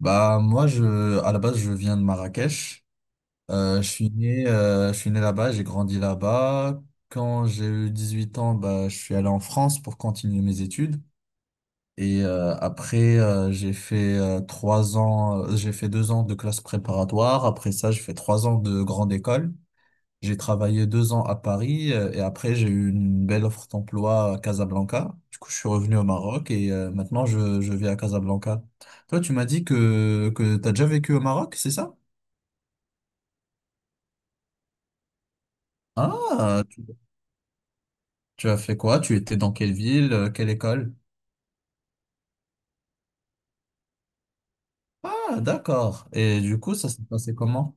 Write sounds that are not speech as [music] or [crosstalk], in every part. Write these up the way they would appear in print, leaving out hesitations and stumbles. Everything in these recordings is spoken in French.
Moi je à la base je viens de Marrakech. Je suis né je suis né là-bas, j'ai grandi là-bas. Quand j'ai eu 18 ans, je suis allé en France pour continuer mes études. Et après j'ai fait 3 ans, j'ai fait 2 ans de classe préparatoire. Après ça j'ai fait 3 ans de grande école. J'ai travaillé 2 ans à Paris et après j'ai eu une belle offre d'emploi à Casablanca. Du coup, je suis revenu au Maroc et maintenant je vis à Casablanca. Toi, tu m'as dit que tu as déjà vécu au Maroc, c'est ça? Ah, tu as fait quoi? Tu étais dans quelle ville? Quelle école? Ah, d'accord. Et du coup, ça s'est passé comment?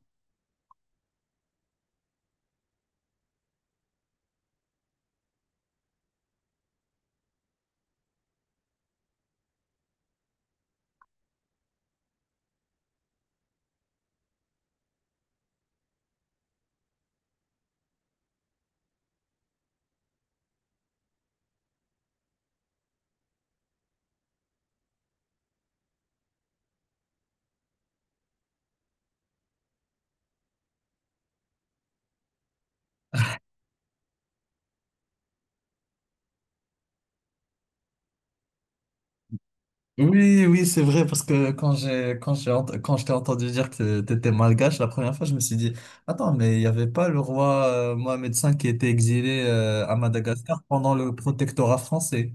Oui, oui, c'est vrai, parce que quand je t'ai entendu dire que t'étais malgache la première fois, je me suis dit, attends, mais il n'y avait pas le roi Mohamed V qui était exilé à Madagascar pendant le protectorat français.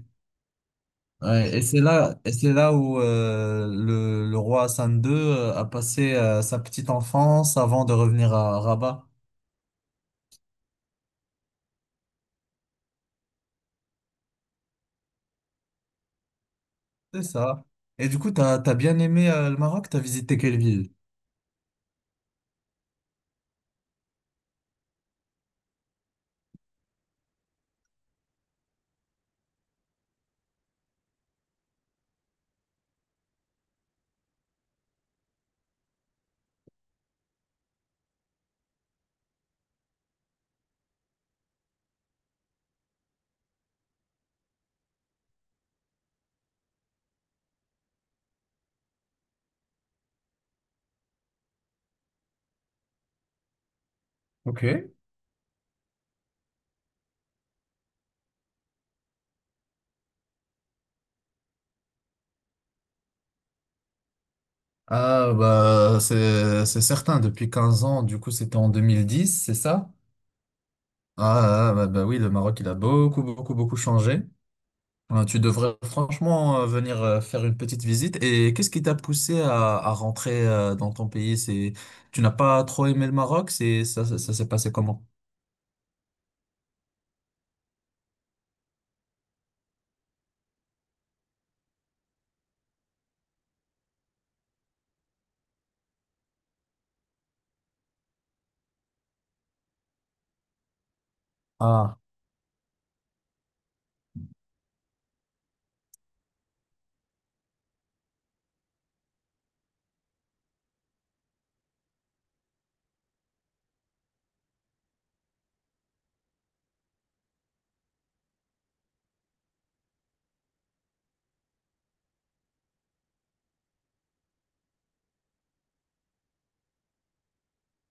Ouais, et c'est là où le roi Hassan II a passé sa petite enfance avant de revenir à Rabat. C'est ça. Et du coup, t'as bien aimé le Maroc, t'as visité quelle ville? Ok. Ah, bah, c'est certain, depuis 15 ans, du coup, c'était en 2010 c'est ça? Ah, ah, bah oui, le Maroc, il a beaucoup, beaucoup, beaucoup changé. Tu devrais franchement venir faire une petite visite. Et qu'est-ce qui t'a poussé à rentrer dans ton pays? Tu n'as pas trop aimé le Maroc? Ça s'est passé comment? Ah,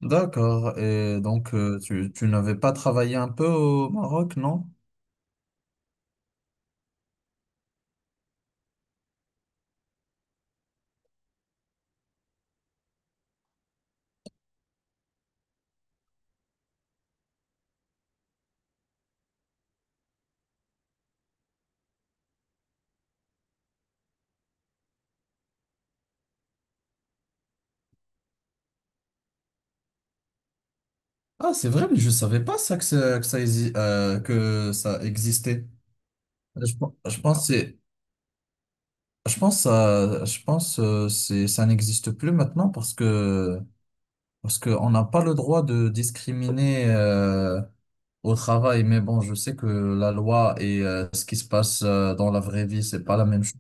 d'accord. Et donc, tu n'avais pas travaillé un peu au Maroc, non? Ah, c'est vrai, mais je savais pas ça que, ça- que ça exi- que ça existait. Je pense que je pense c'est ça n'existe plus maintenant parce que on n'a pas le droit de discriminer au travail, mais bon je sais que la loi et ce qui se passe dans la vraie vie c'est pas la même chose.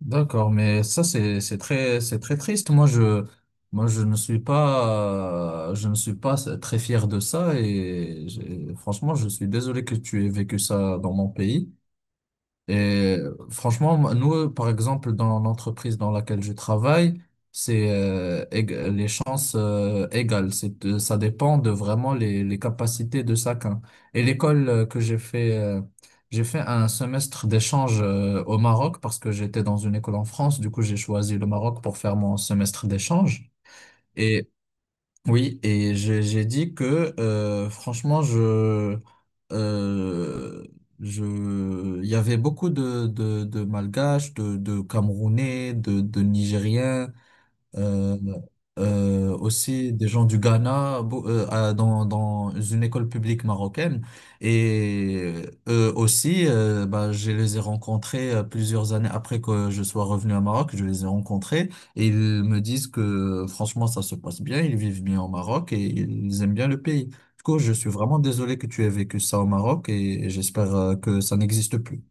D'accord, mais ça c'est très triste. Moi je ne suis pas je ne suis pas très fier de ça franchement je suis désolé que tu aies vécu ça dans mon pays. Et franchement, moi, nous, par exemple, dans l'entreprise dans laquelle je travaille, c'est les chances égales. Ça dépend de vraiment les capacités de chacun. Et l'école que j'ai fait un semestre d'échange au Maroc parce que j'étais dans une école en France. Du coup, j'ai choisi le Maroc pour faire mon semestre d'échange. Oui, et j'ai dit que euh, il y avait beaucoup de Malgaches, de Camerounais, de Nigériens, euh, aussi des gens du Ghana dans une école publique marocaine. Et eux aussi, je les ai rencontrés plusieurs années après que je sois revenu à Maroc, je les ai rencontrés et ils me disent que franchement, ça se passe bien, ils vivent bien au Maroc et ils aiment bien le pays. Du coup, je suis vraiment désolé que tu aies vécu ça au Maroc et j'espère que ça n'existe plus.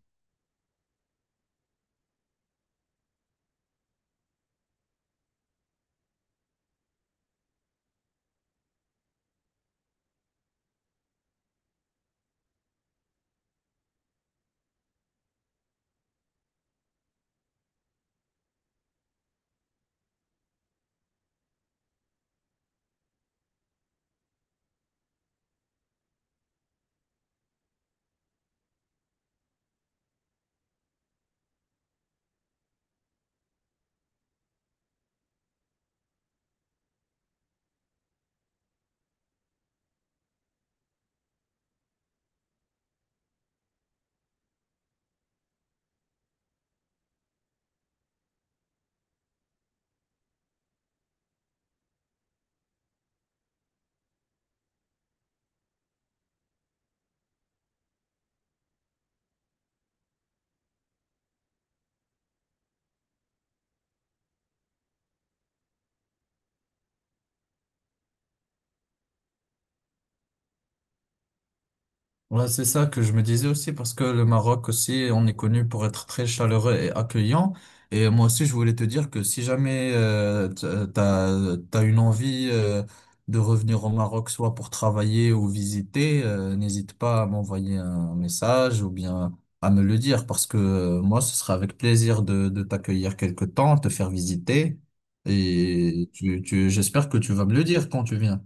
Ouais, c'est ça que je me disais aussi parce que le Maroc aussi, on est connu pour être très chaleureux et accueillant. Et moi aussi, je voulais te dire que si jamais t'as une envie de revenir au Maroc, soit pour travailler ou visiter, n'hésite pas à m'envoyer un message ou bien à me le dire parce que moi, ce sera avec plaisir de t'accueillir quelque temps, te faire visiter. Et tu tu j'espère que tu vas me le dire quand tu viens.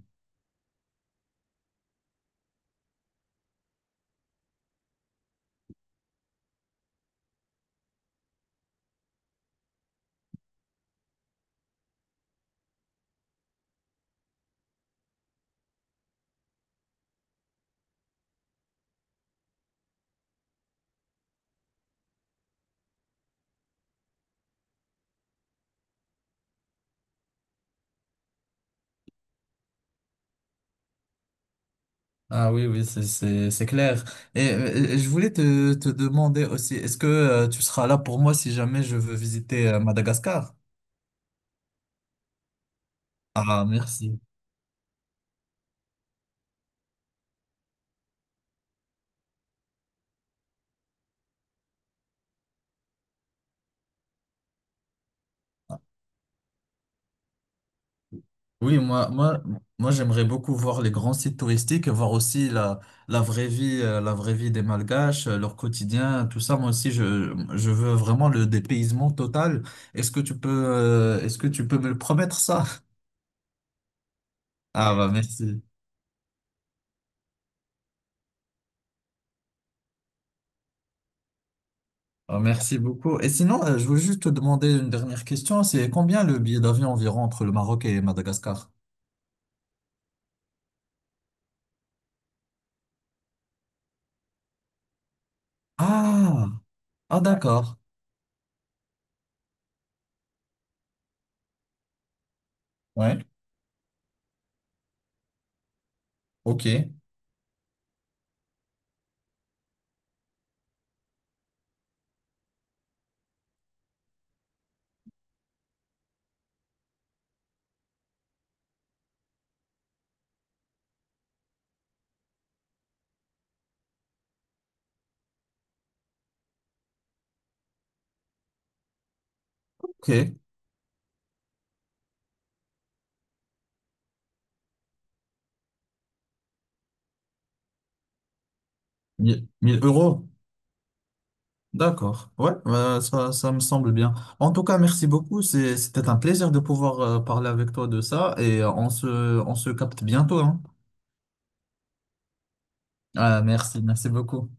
Ah oui, oui, c'est clair. Et je voulais te demander aussi, est-ce que tu seras là pour moi si jamais je veux visiter Madagascar? Ah, merci. Oui, moi, j'aimerais beaucoup voir les grands sites touristiques et voir aussi la vraie vie des Malgaches, leur quotidien, tout ça. Moi aussi, je veux vraiment le dépaysement total. Est-ce que tu peux, me le promettre ça? [laughs] Ah, bah, merci. Oh, merci beaucoup. Et sinon, je veux juste te demander une dernière question. C'est combien le billet d'avion environ entre le Maroc et Madagascar? Ah, ah ouais. D'accord. Ouais, ok, ok. 1000 euros. D'accord. Ouais, ça me semble bien. En tout cas, merci beaucoup. C'était un plaisir de pouvoir parler avec toi de ça et on se capte bientôt, hein. Ah, merci, merci beaucoup.